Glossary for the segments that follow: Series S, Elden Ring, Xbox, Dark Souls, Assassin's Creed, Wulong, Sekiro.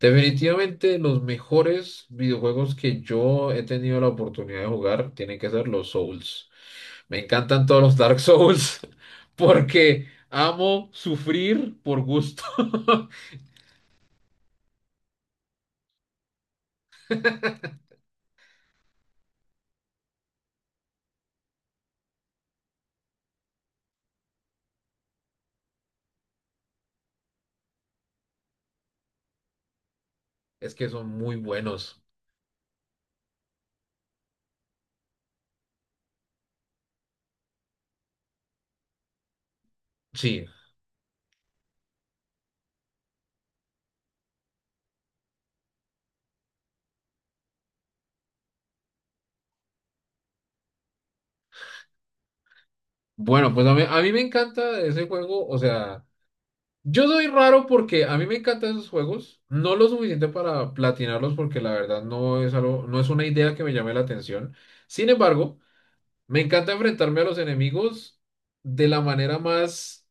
Definitivamente los mejores videojuegos que yo he tenido la oportunidad de jugar tienen que ser los Souls. Me encantan todos los Dark Souls porque amo sufrir por gusto. Es que son muy buenos. Sí. Bueno, pues a mí me encanta ese juego. O sea, yo soy raro porque a mí me encantan esos juegos. No lo suficiente para platinarlos porque la verdad no es algo, no es una idea que me llame la atención. Sin embargo, me encanta enfrentarme a los enemigos de la manera más,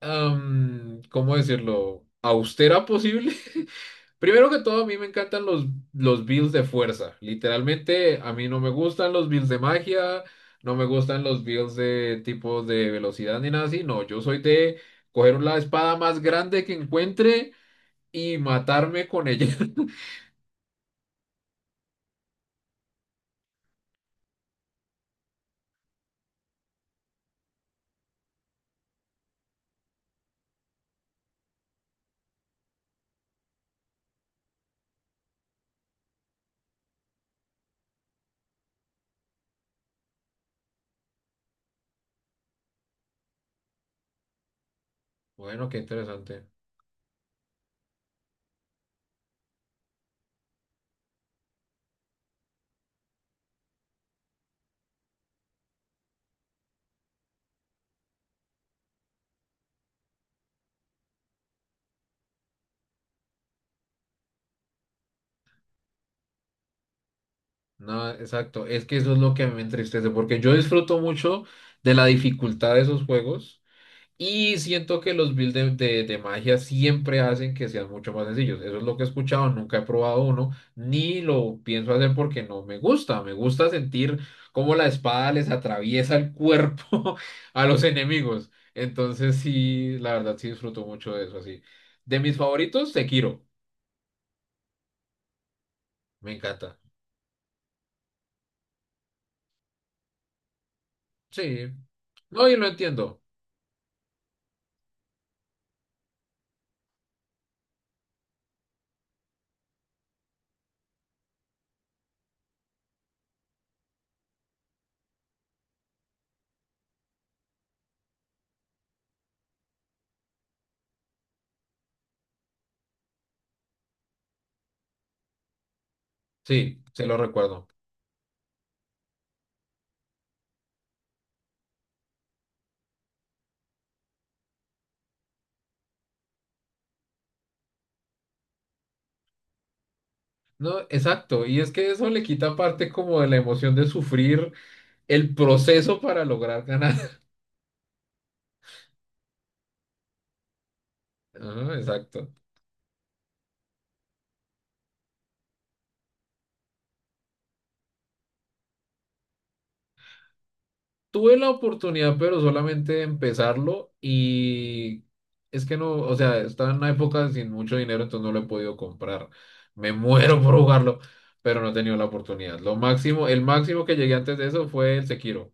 ¿cómo decirlo?, austera posible. Primero que todo, a mí me encantan los builds de fuerza. Literalmente, a mí no me gustan los builds de magia, no me gustan los builds de tipo de velocidad ni nada así. No, yo soy de coger la espada más grande que encuentre y matarme con ella. Bueno, qué interesante. No, exacto. Es que eso es lo que a mí me entristece, porque yo disfruto mucho de la dificultad de esos juegos y siento que los builds de magia siempre hacen que sean mucho más sencillos. Eso es lo que he escuchado, nunca he probado uno, ni lo pienso hacer porque no me gusta. Me gusta sentir cómo la espada les atraviesa el cuerpo a los enemigos. Entonces sí, la verdad sí disfruto mucho de eso, así. De mis favoritos, Sekiro. Me encanta. Sí. No, y lo entiendo. Sí, se lo recuerdo. No, exacto, y es que eso le quita parte como de la emoción de sufrir el proceso para lograr ganar. Ah, exacto. Tuve la oportunidad, pero solamente de empezarlo y es que no, o sea, estaba en una época sin mucho dinero, entonces no lo he podido comprar. Me muero por jugarlo, pero no he tenido la oportunidad. Lo máximo, el máximo que llegué antes de eso fue el Sekiro.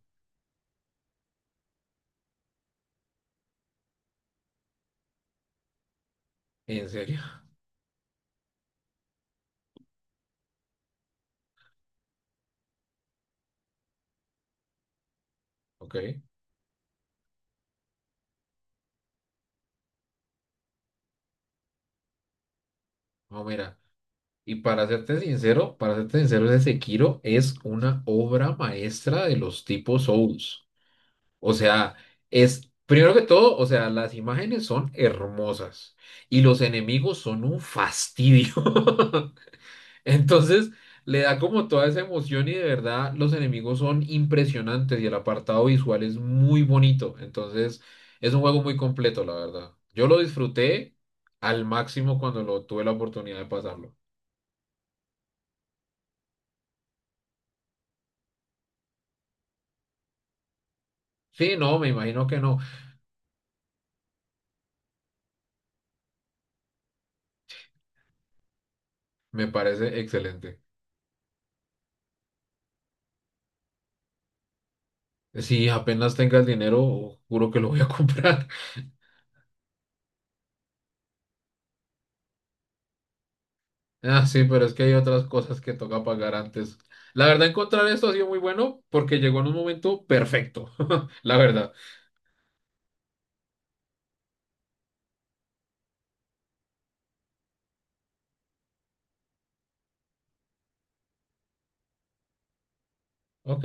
¿En serio? Ok. No, mira. Y para serte sincero, ese Sekiro es una obra maestra de los tipos Souls. O sea, es, primero que todo, o sea, las imágenes son hermosas y los enemigos son un fastidio. Entonces, le da como toda esa emoción y de verdad los enemigos son impresionantes y el apartado visual es muy bonito. Entonces, es un juego muy completo, la verdad. Yo lo disfruté al máximo cuando lo tuve la oportunidad de pasarlo. Sí, no, me imagino que no. Me parece excelente. Si apenas tenga el dinero, juro que lo voy a comprar. Ah, sí, pero es que hay otras cosas que toca pagar antes. La verdad, encontrar esto ha sido muy bueno porque llegó en un momento perfecto. La verdad. Ok.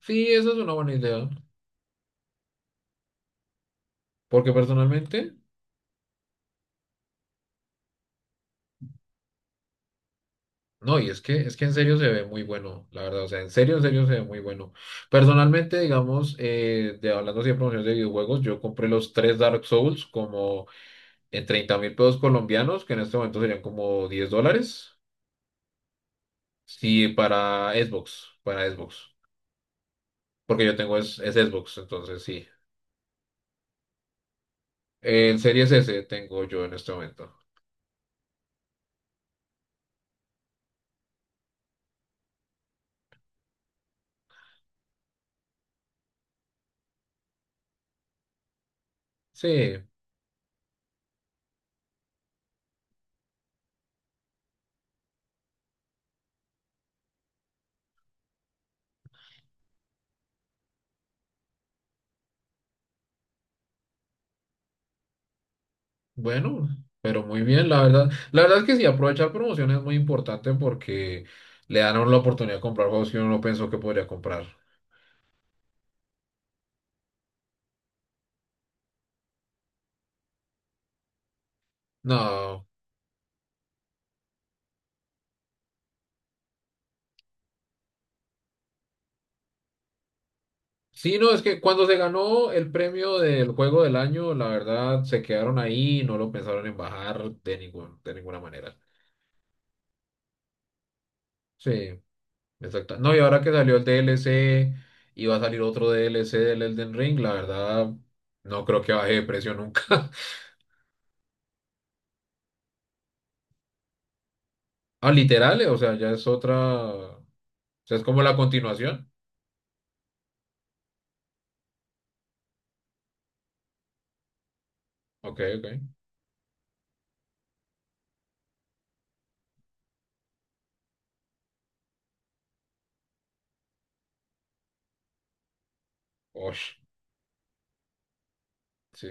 Sí, esa es una buena idea. Porque personalmente, no, y es que en serio se ve muy bueno, la verdad. O sea, en serio se ve muy bueno. Personalmente, digamos, de hablando así de promociones de videojuegos, yo compré los tres Dark Souls como en 30.000 pesos colombianos, que en este momento serían como 10 dólares. Sí, para Xbox, para Xbox. Porque yo tengo es Xbox, entonces sí. El Series S tengo yo en este momento. Sí, bueno, pero muy bien, la verdad. La verdad es que sí, aprovechar promociones es muy importante porque le dan a uno la oportunidad de comprar juegos que uno no pensó que podría comprar. No. Sí, no, es que cuando se ganó el premio del juego del año, la verdad se quedaron ahí y no lo pensaron en bajar de ningún, de ninguna manera. Sí, exacto. No, y ahora que salió el DLC y va a salir otro DLC del Elden Ring, la verdad, no creo que baje de precio nunca. Ah, literal, o sea, ya es otra. O sea, es como la continuación. Ok, ok. Osh, sí.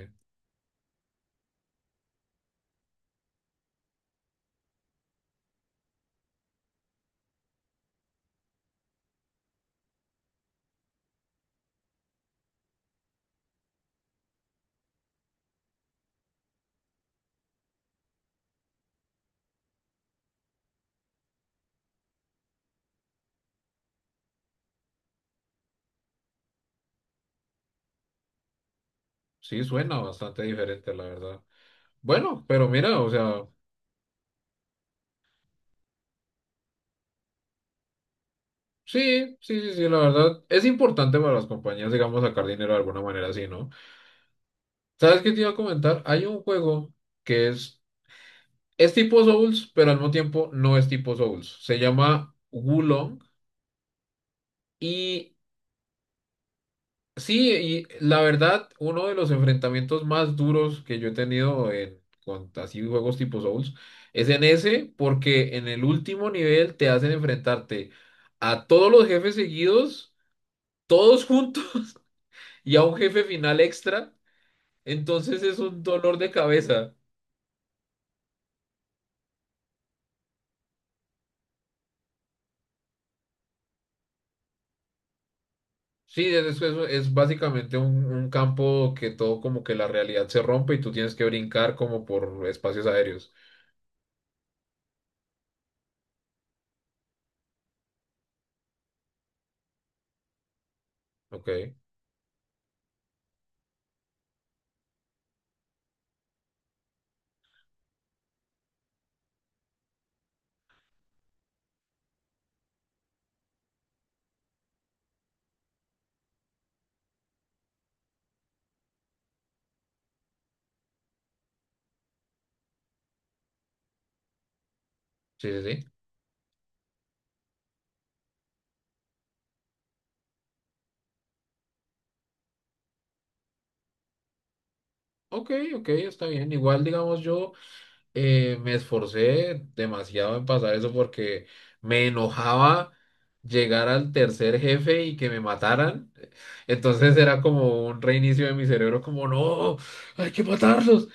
Sí, suena bastante diferente, la verdad. Bueno, pero mira, o sea, sí, sí, sí, sí, la verdad. Es importante para las compañías, digamos, sacar dinero de alguna manera así, ¿no? ¿Sabes qué te iba a comentar? Hay un juego que es tipo Souls, pero al mismo tiempo no es tipo Souls. Se llama Wulong. Y sí, y la verdad, uno de los enfrentamientos más duros que yo he tenido en, con así juegos tipo Souls es en ese, porque en el último nivel te hacen enfrentarte a todos los jefes seguidos, todos juntos, y a un jefe final extra. Entonces es un dolor de cabeza. Sí, es básicamente un campo que todo como que la realidad se rompe y tú tienes que brincar como por espacios aéreos. Ok, sí, sí, sí. Ok, ok, está bien. Igual, digamos, yo me esforcé demasiado en pasar eso porque me enojaba llegar al tercer jefe y que me mataran. Entonces era como un reinicio de mi cerebro, como, no, hay que matarlos.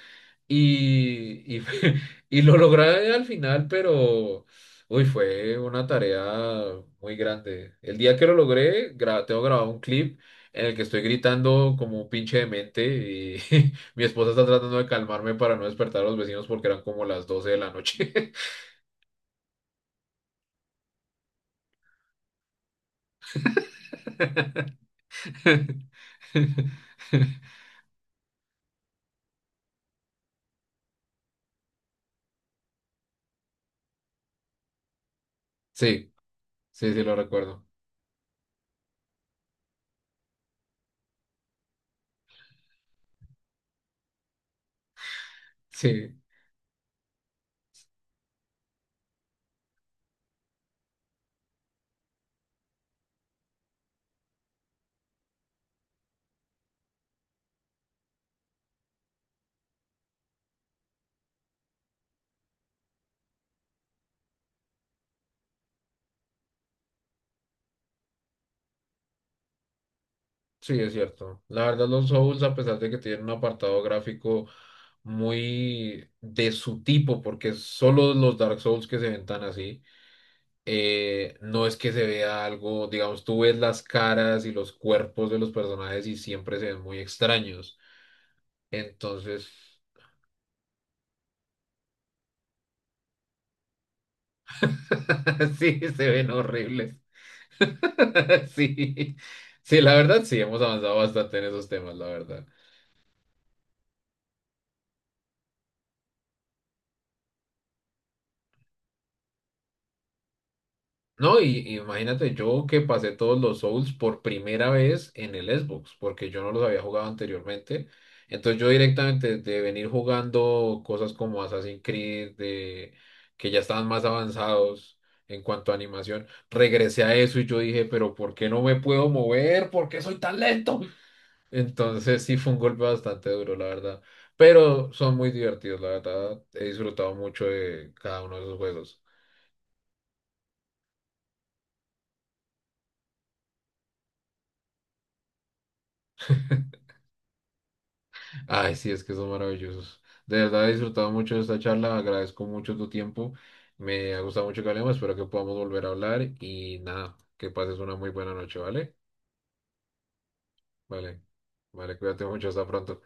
y, y, y lo logré al final, pero uy, fue una tarea muy grande. El día que lo logré, tengo grabado un clip en el que estoy gritando como un pinche demente y mi esposa está tratando de calmarme para no despertar a los vecinos porque eran como las 12 de la noche. Sí, sí, sí, lo recuerdo. Sí. Sí, es cierto. La verdad, los Souls, a pesar de que tienen un apartado gráfico muy de su tipo, porque solo los Dark Souls que se ven tan así, no es que se vea algo, digamos, tú ves las caras y los cuerpos de los personajes y siempre se ven muy extraños. Entonces, sí, se ven horribles. Sí, sí, la verdad, sí, hemos avanzado bastante en esos temas, la verdad. No, y imagínate yo que pasé todos los Souls por primera vez en el Xbox, porque yo no los había jugado anteriormente. Entonces yo directamente de venir jugando cosas como Assassin's Creed, de, que ya estaban más avanzados en cuanto a animación, regresé a eso y yo dije, pero ¿por qué no me puedo mover? ¿Por qué soy tan lento? Entonces sí fue un golpe bastante duro, la verdad. Pero son muy divertidos, la verdad. He disfrutado mucho de cada uno de esos juegos. Ay, sí, es que son maravillosos. De verdad he disfrutado mucho de esta charla, agradezco mucho tu tiempo, me ha gustado mucho que hablemos, espero que podamos volver a hablar y nada, que pases una muy buena noche, ¿vale? Vale, vale, cuídate mucho, hasta pronto.